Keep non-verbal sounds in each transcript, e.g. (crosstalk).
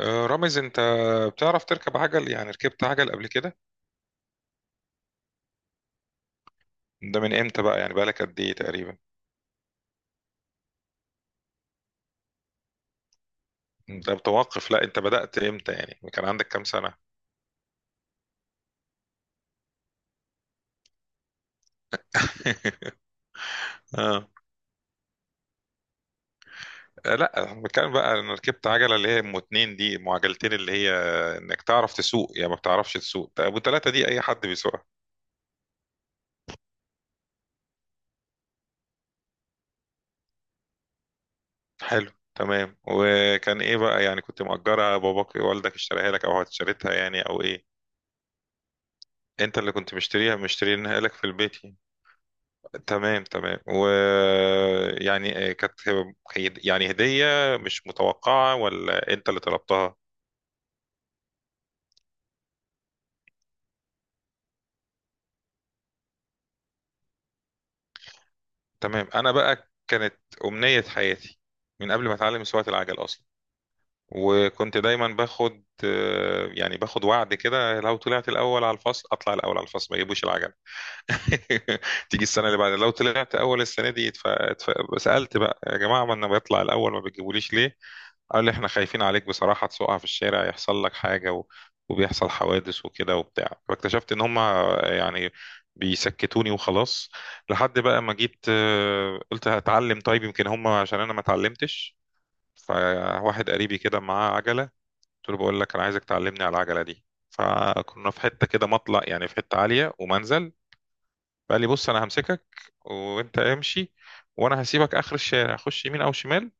رامز انت بتعرف تركب عجل؟ يعني ركبت عجل قبل كده؟ ده من امتى بقى؟ يعني بقالك قد ايه تقريبا؟ انت متوقف؟ لا انت بدأت امتى؟ يعني كان عندك كام سنة؟ (laughs) اه. لا انا بتكلم بقى، انا ركبت عجلة اللي هي ام اتنين، دي ام عجلتين، اللي هي انك تعرف تسوق، يعني ما بتعرفش تسوق. طب ابو تلاتة دي اي حد بيسوقها. حلو، تمام. وكان ايه بقى؟ يعني كنت مأجرها؟ باباك والدك اشتريها لك، او اشتريتها يعني، او ايه؟ انت اللي كنت مشتريها؟ مشترينها لك في البيت يعني. تمام تمام. ويعني كانت يعني هدية مش متوقعة، ولا انت اللي طلبتها؟ تمام. انا بقى كانت امنية حياتي، من قبل ما اتعلم سواقة العجل اصلا. وكنت دايما باخد يعني باخد وعد كده، لو طلعت الاول على الفصل. اطلع الاول على الفصل ما يجيبوش العجل. (laughs) تيجي السنة اللي بعدها لو طلعت اول السنة دي، سألت بقى يا جماعة، ما انا بطلع الاول، ما بتجيبوليش ليه؟ قال لي احنا خايفين عليك بصراحة، تسقع في الشارع، يحصل لك حاجة، و... وبيحصل حوادث وكده وبتاع. فاكتشفت ان هما يعني بيسكتوني وخلاص. لحد بقى ما جيت قلت هتعلم. طيب يمكن هما عشان انا ما اتعلمتش. فواحد قريبي كده معاه عجلة، قلت له بقول لك انا عايزك تعلمني على العجلة دي. فكنا في حتة كده مطلع، يعني في حتة عالية ومنزل. قال لي بص انا همسكك وانت امشي، وانا هسيبك اخر الشارع، خش يمين او شمال،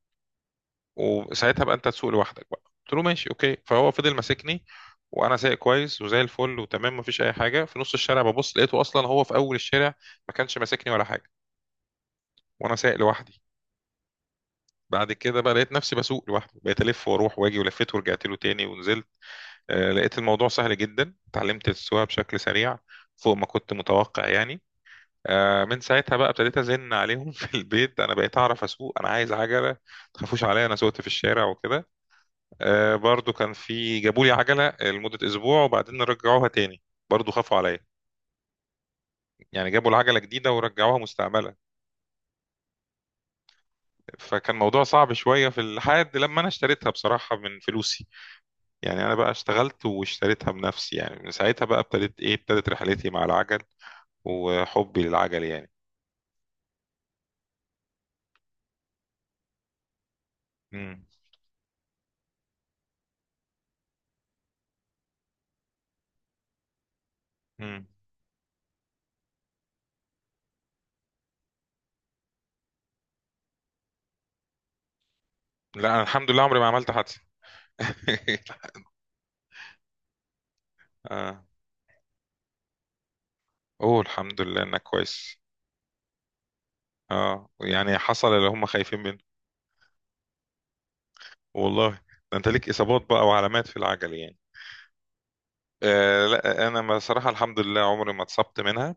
وساعتها بقى انت تسوق لوحدك. بقى قلت له ماشي اوكي. فهو فضل ماسكني وانا سايق كويس وزي الفل وتمام، مفيش اي حاجه. في نص الشارع ببص لقيته اصلا هو في اول الشارع، ما كانش ماسكني ولا حاجه، وانا سايق لوحدي. بعد كده بقى لقيت نفسي بسوق لوحدي، بقيت الف واروح واجي، ولفيت ورجعت له تاني ونزلت. آه لقيت الموضوع سهل جدا، اتعلمت السواقه بشكل سريع فوق ما كنت متوقع يعني. من ساعتها بقى ابتديت ازن عليهم (laughs) في البيت، انا بقيت اعرف اسوق، انا عايز عجله، ما تخافوش عليا، انا سوقت في الشارع وكده. برضو كان في، جابوا لي عجلة لمدة أسبوع وبعدين رجعوها تاني. برضو خافوا عليا. يعني جابوا العجلة جديدة ورجعوها مستعملة. فكان موضوع صعب شوية، في الحد لما أنا اشتريتها بصراحة من فلوسي. يعني أنا بقى اشتغلت واشتريتها بنفسي. يعني من ساعتها بقى ابتدت إيه، ابتدت رحلتي مع العجل وحبي للعجل يعني. مم. مم. لا أنا الحمد لله عمري ما عملت حادثة. (laughs) آه. أوه الحمد لله إنك كويس. اه يعني حصل اللي هم خايفين. والله. ده انت ليك اصابات بقى وعلامات في العجل يعني. آه لا انا صراحه الحمد لله عمري ما اتصبت منها.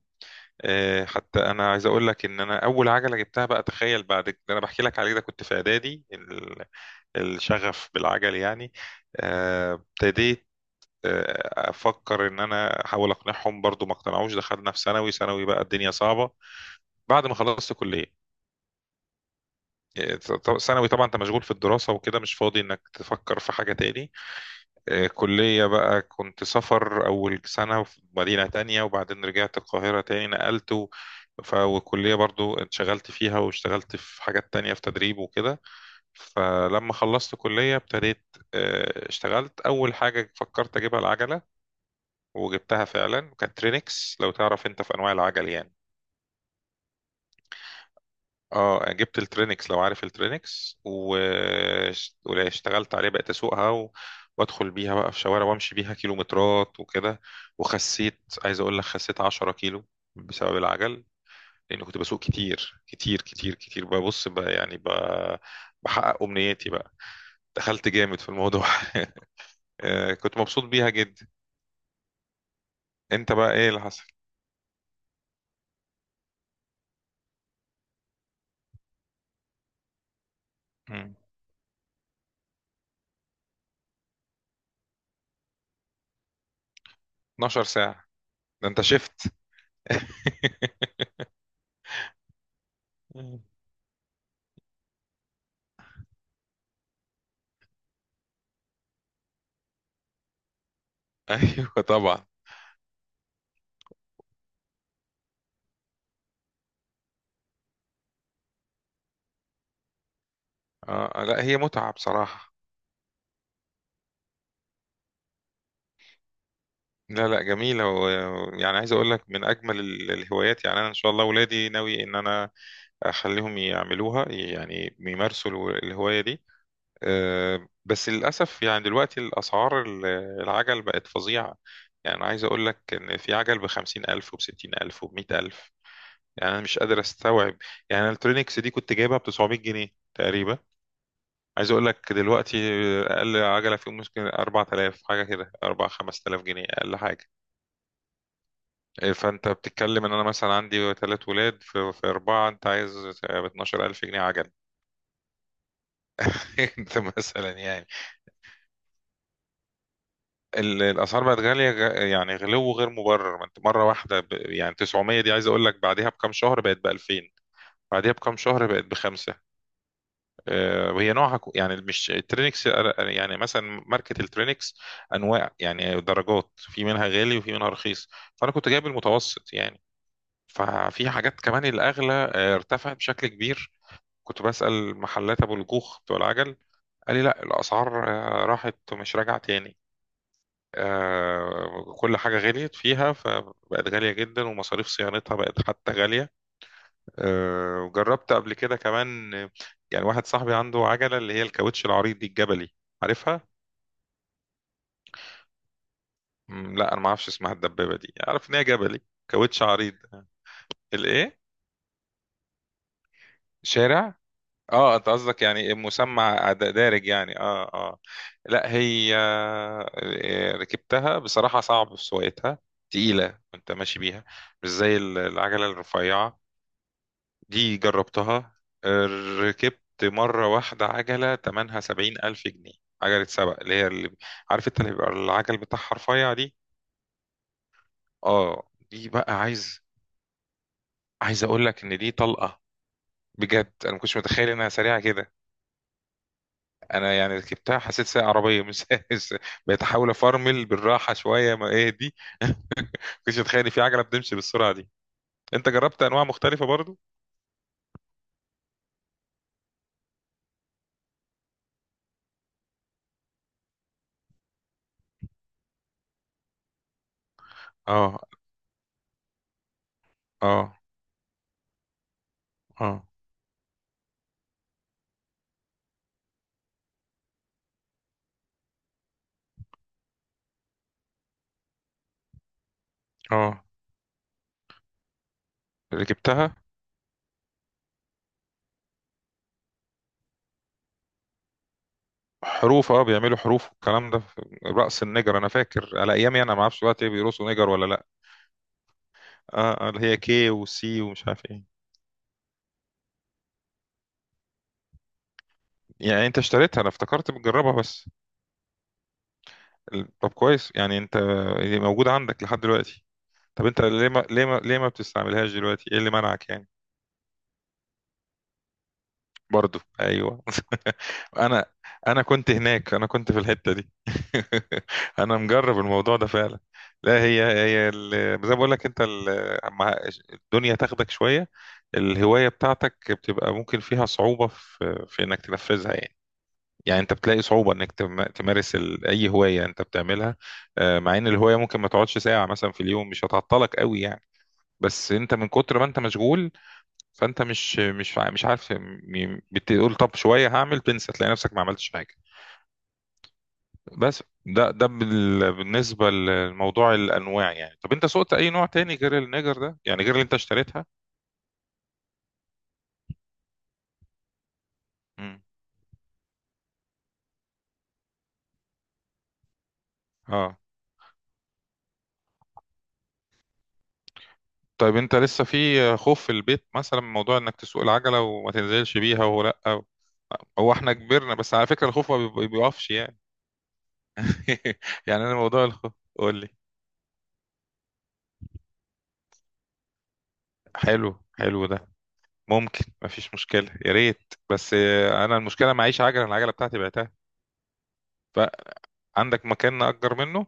آه حتى انا عايز اقول لك ان انا اول عجله جبتها بقى، تخيل، بعد اللي انا بحكي لك عليه ده، كنت في اعدادي الشغف بالعجل يعني. ابتديت افكر ان انا احاول اقنعهم، برضو ما اقتنعوش. دخلنا في ثانوي، ثانوي بقى الدنيا صعبه. بعد ما خلصت كليه. ثانوي طبعا انت مشغول في الدراسه وكده، مش فاضي انك تفكر في حاجه تاني. كلية بقى كنت سفر أول سنة في مدينة تانية، وبعدين رجعت القاهرة تاني، نقلت و... والكلية برضو انشغلت فيها، واشتغلت في حاجات تانية في تدريب وكده. فلما خلصت كلية ابتديت اشتغلت. أول حاجة فكرت أجيبها العجلة، وجبتها فعلا، كانت ترينكس لو تعرف أنت في أنواع العجل يعني. اه يعني جبت الترينكس لو عارف الترينكس و... واشتغلت عليه، بقيت اسوقها و... وادخل بيها بقى في شوارع، وامشي بيها كيلومترات وكده. وخسيت، عايز اقول لك، خسيت 10 كيلو بسبب العجل، لان كنت بسوق كتير كتير كتير كتير. ببص بقى يعني ب... بحقق امنياتي بقى. دخلت جامد في الموضوع. (laughs) كنت مبسوط بيها جدا. انت بقى ايه اللي حصل؟ مم. 12 ساعة؟ ده انت شفت. (laughs) ايوه طبعا. آه لا هي متعة بصراحة. لا لا، جميل هو. يعني عايز اقول لك من اجمل الهوايات، يعني انا ان شاء الله ولادي ناوي ان انا اخليهم يعملوها، يعني يمارسوا الهوايه دي. أه، بس للاسف يعني دلوقتي الاسعار العجل بقت فظيعه. يعني أنا عايز اقول لك ان في عجل بخمسين الف، وبستين الف، وبمئة الف. يعني انا مش قادر استوعب. يعني الالكترونيكس دي كنت جايبها ب 900 جنيه تقريبا. عايز اقول لك دلوقتي اقل عجله فيهم ممكن 4000 حاجه كده، 4 5000 جنيه اقل حاجه. إيه، فانت بتتكلم ان انا مثلا عندي ثلاث ولاد، في, في اربعه، انت عايز ب 12000 جنيه عجل. (laughs) انت مثلا يعني الاسعار بقت غاليه، يعني غلو غير مبرر. ما انت مره واحده ب... يعني 900، دي عايز اقول لك بعدها بكام شهر بقت ب 2000. بعدها بكام شهر بقت بخمسه. وهي نوعها يعني مش الترينكس، يعني مثلا ماركة الترينكس انواع، يعني درجات، في منها غالي وفي منها رخيص، فانا كنت جايب المتوسط يعني. ففي حاجات كمان الأغلى ارتفعت بشكل كبير. كنت بسأل محلات أبو الجوخ بتوع العجل، قال لي لا الأسعار راحت ومش راجعة تاني. كل حاجة غليت فيها، فبقت غالية جدا، ومصاريف صيانتها بقت حتى غالية. وجربت قبل كده كمان، يعني واحد صاحبي عنده عجلة اللي هي الكاوتش العريض دي، الجبلي، عارفها؟ مم، لا أنا ما أعرفش اسمها الدبابة دي، أعرف إن هي جبلي، كاوتش عريض. الإيه؟ شارع. اه انت قصدك يعني مسمى دارج يعني. اه اه. لا هي ركبتها بصراحة صعب في سواقتها، تقيلة وانت ماشي بيها، مش زي العجلة الرفيعة. دي جربتها. آه، ركبت مرة واحدة عجلة تمنها سبعين ألف جنيه، عجلة سبق، اللي هي اللي عارف انت، اللي بيبقى العجل بتاعها رفيع دي. اه دي بقى عايز اقول لك ان دي طلقة، بجد انا ما كنتش متخيل انها سريعة كده. انا يعني ركبتها حسيت سايق عربيه مش سايق- (laughs) بقيت احاول افرمل بالراحه شويه، ما ايه دي. (laughs) كنتش متخيل إن في عجله بتمشي بالسرعه دي. انت جربت انواع مختلفه برضو؟ اه. اه. اه. اه. ركبتها. حروف، اه بيعملوا حروف والكلام ده في رأس النجر، انا فاكر على ايامي، انا ما اعرفش دلوقتي ايه، بيرقصوا نجر ولا لا. اه. اللي هي كي وسي ومش عارف ايه. يعني انت اشتريتها؟ انا افتكرت بتجربها بس. طب كويس، يعني انت موجوده عندك لحد دلوقتي. طب انت ليه ما بتستعملهاش دلوقتي؟ ايه اللي منعك يعني؟ برضو، ايوه. (laughs) انا انا كنت هناك، انا كنت في الحته دي. (laughs) انا مجرب الموضوع ده فعلا. لا هي هي زي ما بقول لك انت، مع الدنيا، تاخدك شويه الهوايه بتاعتك، بتبقى ممكن فيها صعوبه في في انك تنفذها يعني. يعني انت بتلاقي صعوبه انك تمارس اي هوايه انت بتعملها. مع ان الهوايه ممكن ما تقعدش ساعه مثلا في اليوم، مش هتعطلك قوي يعني. بس انت من كتر ما انت مشغول، فانت مش عارف بتقول طب شويه هعمل، تنسى، تلاقي نفسك ما عملتش حاجه. بس ده ده بالنسبه لموضوع الانواع يعني. طب انت سوقت اي نوع تاني غير النيجر ده يعني، غير اللي انت اشتريتها؟ امم. اه. طيب انت لسه في خوف في البيت مثلا من موضوع انك تسوق العجله وما تنزلش بيها، ولا؟ هو احنا كبرنا، بس على فكره الخوف ما بي- بيقفش يعني. (laughs) يعني انا موضوع الخوف. قول لي. حلو. حلو ده. ممكن، مفيش مشكله، يا ريت، بس انا المشكله معيش عجله، العجله بتاعتي بعتها. فعندك مكان نأجر منه؟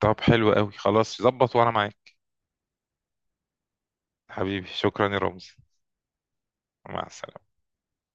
طب حلو قوي، خلاص ظبط وانا معاك. حبيبي شكرا يا رمزي. مع السلامة.